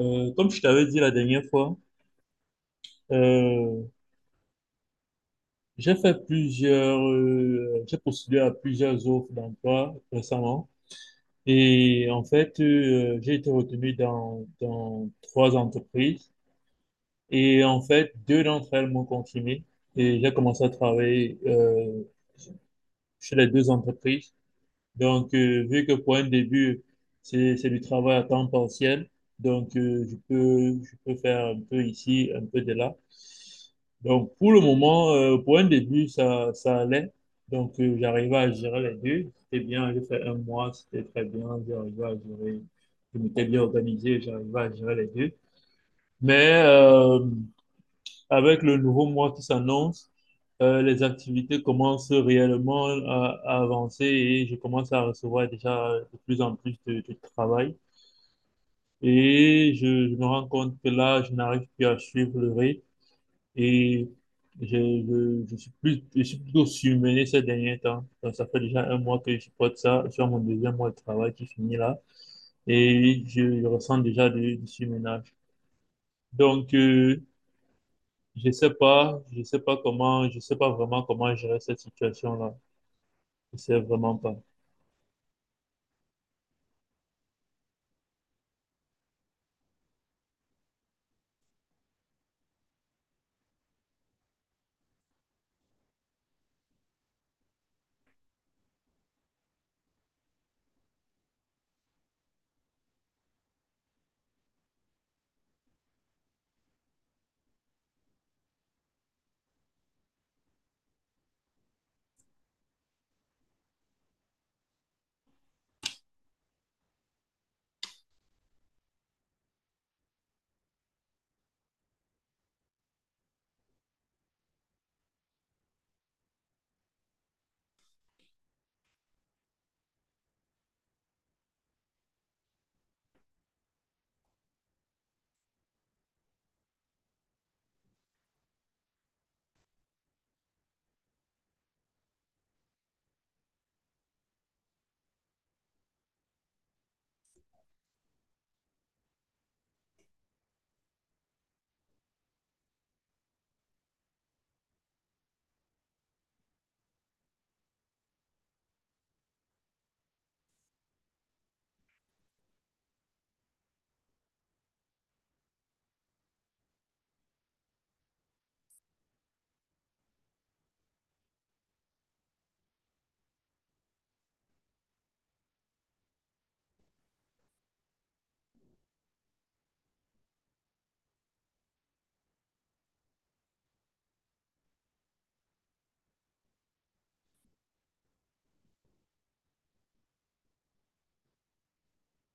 Comme je t'avais dit la dernière fois, euh, j'ai fait plusieurs, j'ai postulé à plusieurs offres d'emploi récemment. Et en fait, j'ai été retenu dans trois entreprises. Et en fait, deux d'entre elles m'ont confirmé. Et j'ai commencé à travailler chez les deux entreprises. Donc, vu que pour un début, c'est du travail à temps partiel, donc je peux faire un peu ici, un peu de là. Donc, pour le moment, pour un début, ça allait. Donc, j'arrivais à gérer les deux. C'était bien, j'ai fait un mois, c'était très bien. J'arrivais à gérer, je m'étais bien organisé, j'arrivais à gérer les deux. Mais avec le nouveau mois qui s'annonce, les activités commencent réellement à avancer et je commence à recevoir déjà de plus en plus de travail. Et je me rends compte que là, je n'arrive plus à suivre le rythme et je suis plus, je suis plutôt surmené ces derniers temps. Donc, ça fait déjà un mois que je supporte ça. Je suis à mon deuxième mois de travail qui finit là et je ressens déjà du surmenage. Donc, je sais pas, je sais pas vraiment comment gérer cette situation-là. Je sais vraiment pas.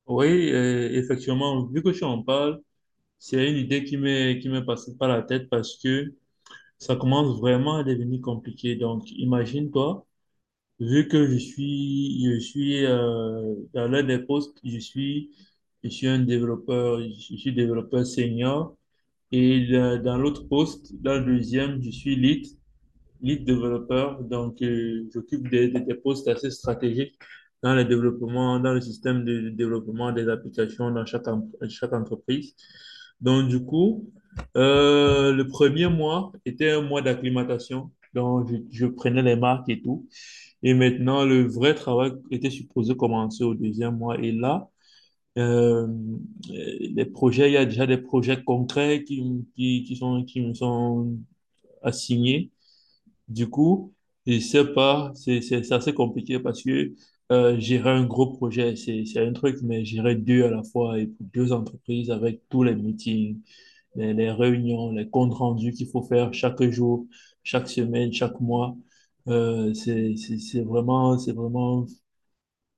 Oui, effectivement, vu que tu en parles, c'est une idée qui m'est passée par la tête parce que ça commence vraiment à devenir compliqué. Donc, imagine-toi, vu que je suis dans l'un des postes, je suis un développeur, je suis développeur senior et dans l'autre poste, dans le deuxième, je suis lead. Lead développeur. Donc, j'occupe des postes assez stratégiques dans le développement, dans le système de développement des applications dans chaque entreprise. Donc, du coup, le premier mois était un mois d'acclimatation. Donc, je prenais les marques et tout. Et maintenant, le vrai travail était supposé commencer au deuxième mois. Et là, euh, les projets, il y a déjà des projets concrets qui sont, qui me sont assignés. Du coup, je sais pas, c'est assez compliqué parce que gérer un gros projet, c'est un truc, mais gérer deux à la fois et pour deux entreprises avec tous les meetings, les réunions, les comptes rendus qu'il faut faire chaque jour, chaque semaine, chaque mois, c'est vraiment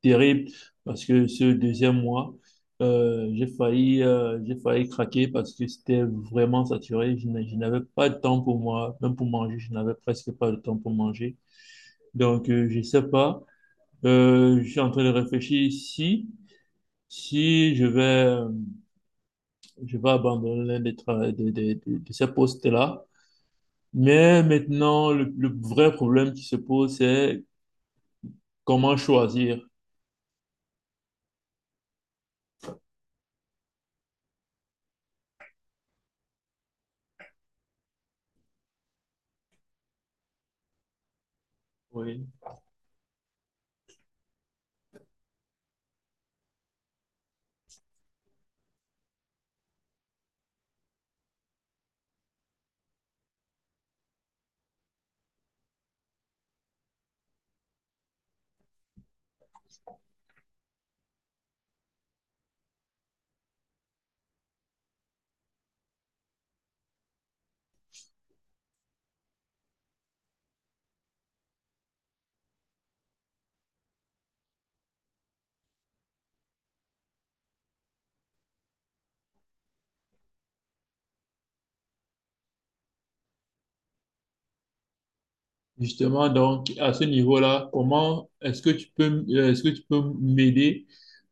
terrible parce que ce deuxième mois, j'ai failli craquer parce que c'était vraiment saturé. Je n'avais pas de temps pour moi, même pour manger, je n'avais presque pas de temps pour manger. Donc, je sais pas. Je suis en train de réfléchir si, si, je vais, euh, je vais abandonner l'un des tra- de ces postes-là. Mais maintenant, le vrai problème qui se pose, c'est comment choisir. Oui. Justement, donc, à ce niveau-là, comment est-ce que tu peux, est-ce que tu peux m'aider,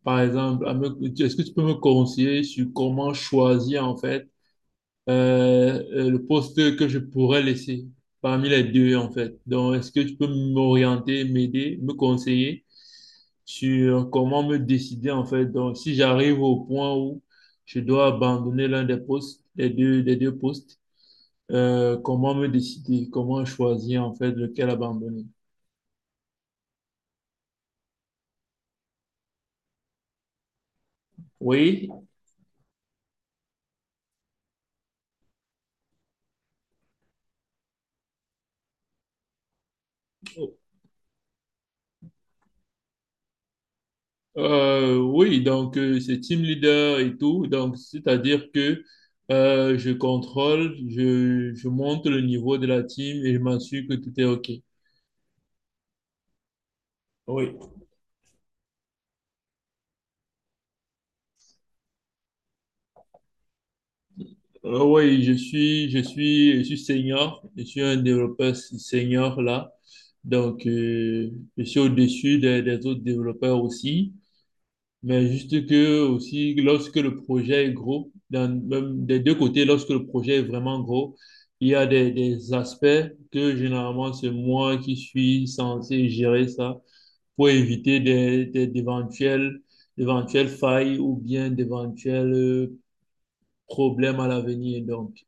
par exemple, est-ce que tu peux me conseiller sur comment choisir, en fait, le poste que je pourrais laisser parmi les deux, en fait. Donc, est-ce que tu peux m'orienter, m'aider, me conseiller sur comment me décider, en fait. Donc, si j'arrive au point où je dois abandonner l'un des postes, des deux postes, comment me décider, comment choisir, en fait, lequel abandonner. Oui, c'est team leader et tout. Donc, c'est-à-dire que je contrôle, je monte le niveau de la team et je m'assure que tout est OK. Oui. Oui, je suis, je suis senior, je suis un développeur senior là. Donc, je suis au-dessus des autres développeurs aussi. Mais juste que aussi, lorsque le projet est gros, même des deux côtés, lorsque le projet est vraiment gros, il y a des aspects que généralement c'est moi qui suis censé gérer ça pour éviter d'éventuelles, d'éventuelles failles ou bien d'éventuels problèmes à l'avenir. Donc,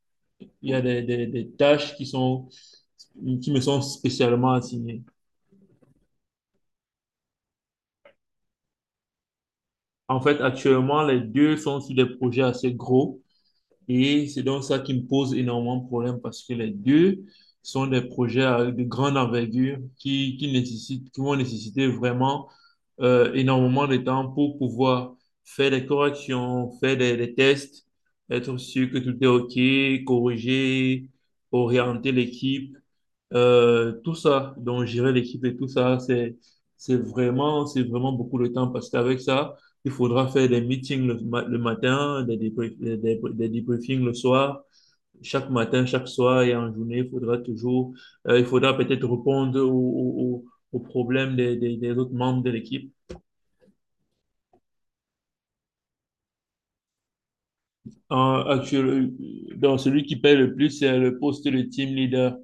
il y a des tâches qui sont, qui me sont spécialement assignées. En fait, actuellement, les deux sont sur des projets assez gros. Et c'est donc ça qui me pose énormément de problèmes parce que les deux sont des projets de grande envergure qui nécessitent, qui vont nécessiter vraiment énormément de temps pour pouvoir faire des corrections, faire des tests, être sûr que tout est OK, corriger, orienter l'équipe, tout ça. Donc, gérer l'équipe et tout ça, c'est vraiment beaucoup de temps parce qu'avec ça, il faudra faire des meetings le matin, des, débrie- des- le soir. Chaque matin, chaque soir et en journée, il faudra toujours, il faudra peut-être répondre aux problèmes des autres membres de l'équipe. En Dans celui qui paye le plus, c'est le poste de team leader.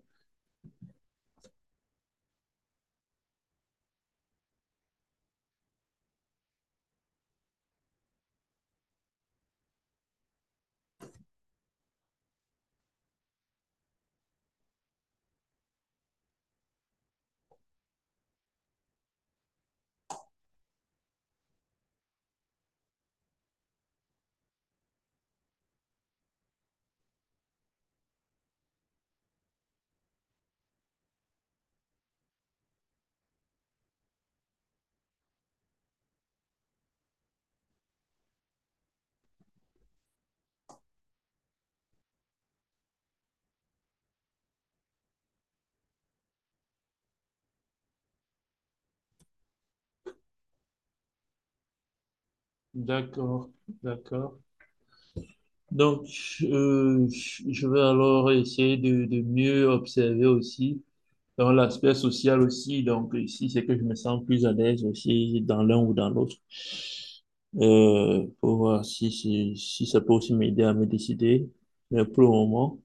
D'accord, d'accord. Donc, je vais alors essayer de mieux observer aussi dans l'aspect social aussi, donc ici, c'est que je me sens plus à l'aise aussi dans l'un ou dans l'autre. Pour voir si, si ça peut aussi m'aider à me décider. Mais pour le moment,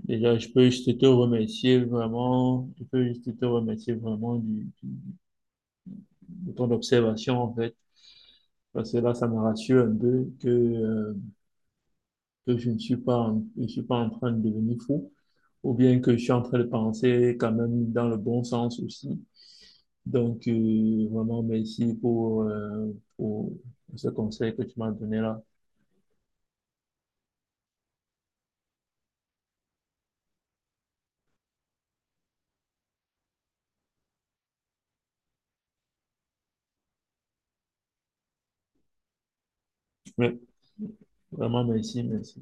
déjà, je peux juste te remercier vraiment, je peux juste te remercier vraiment de ton observation, en fait. Parce que là, ça me rassure un peu que je ne suis pas en train de devenir fou, ou bien que je suis en train de penser quand même dans le bon sens aussi. Donc, vraiment, merci pour ce conseil que tu m'as donné là. Oui, vraiment, merci, merci.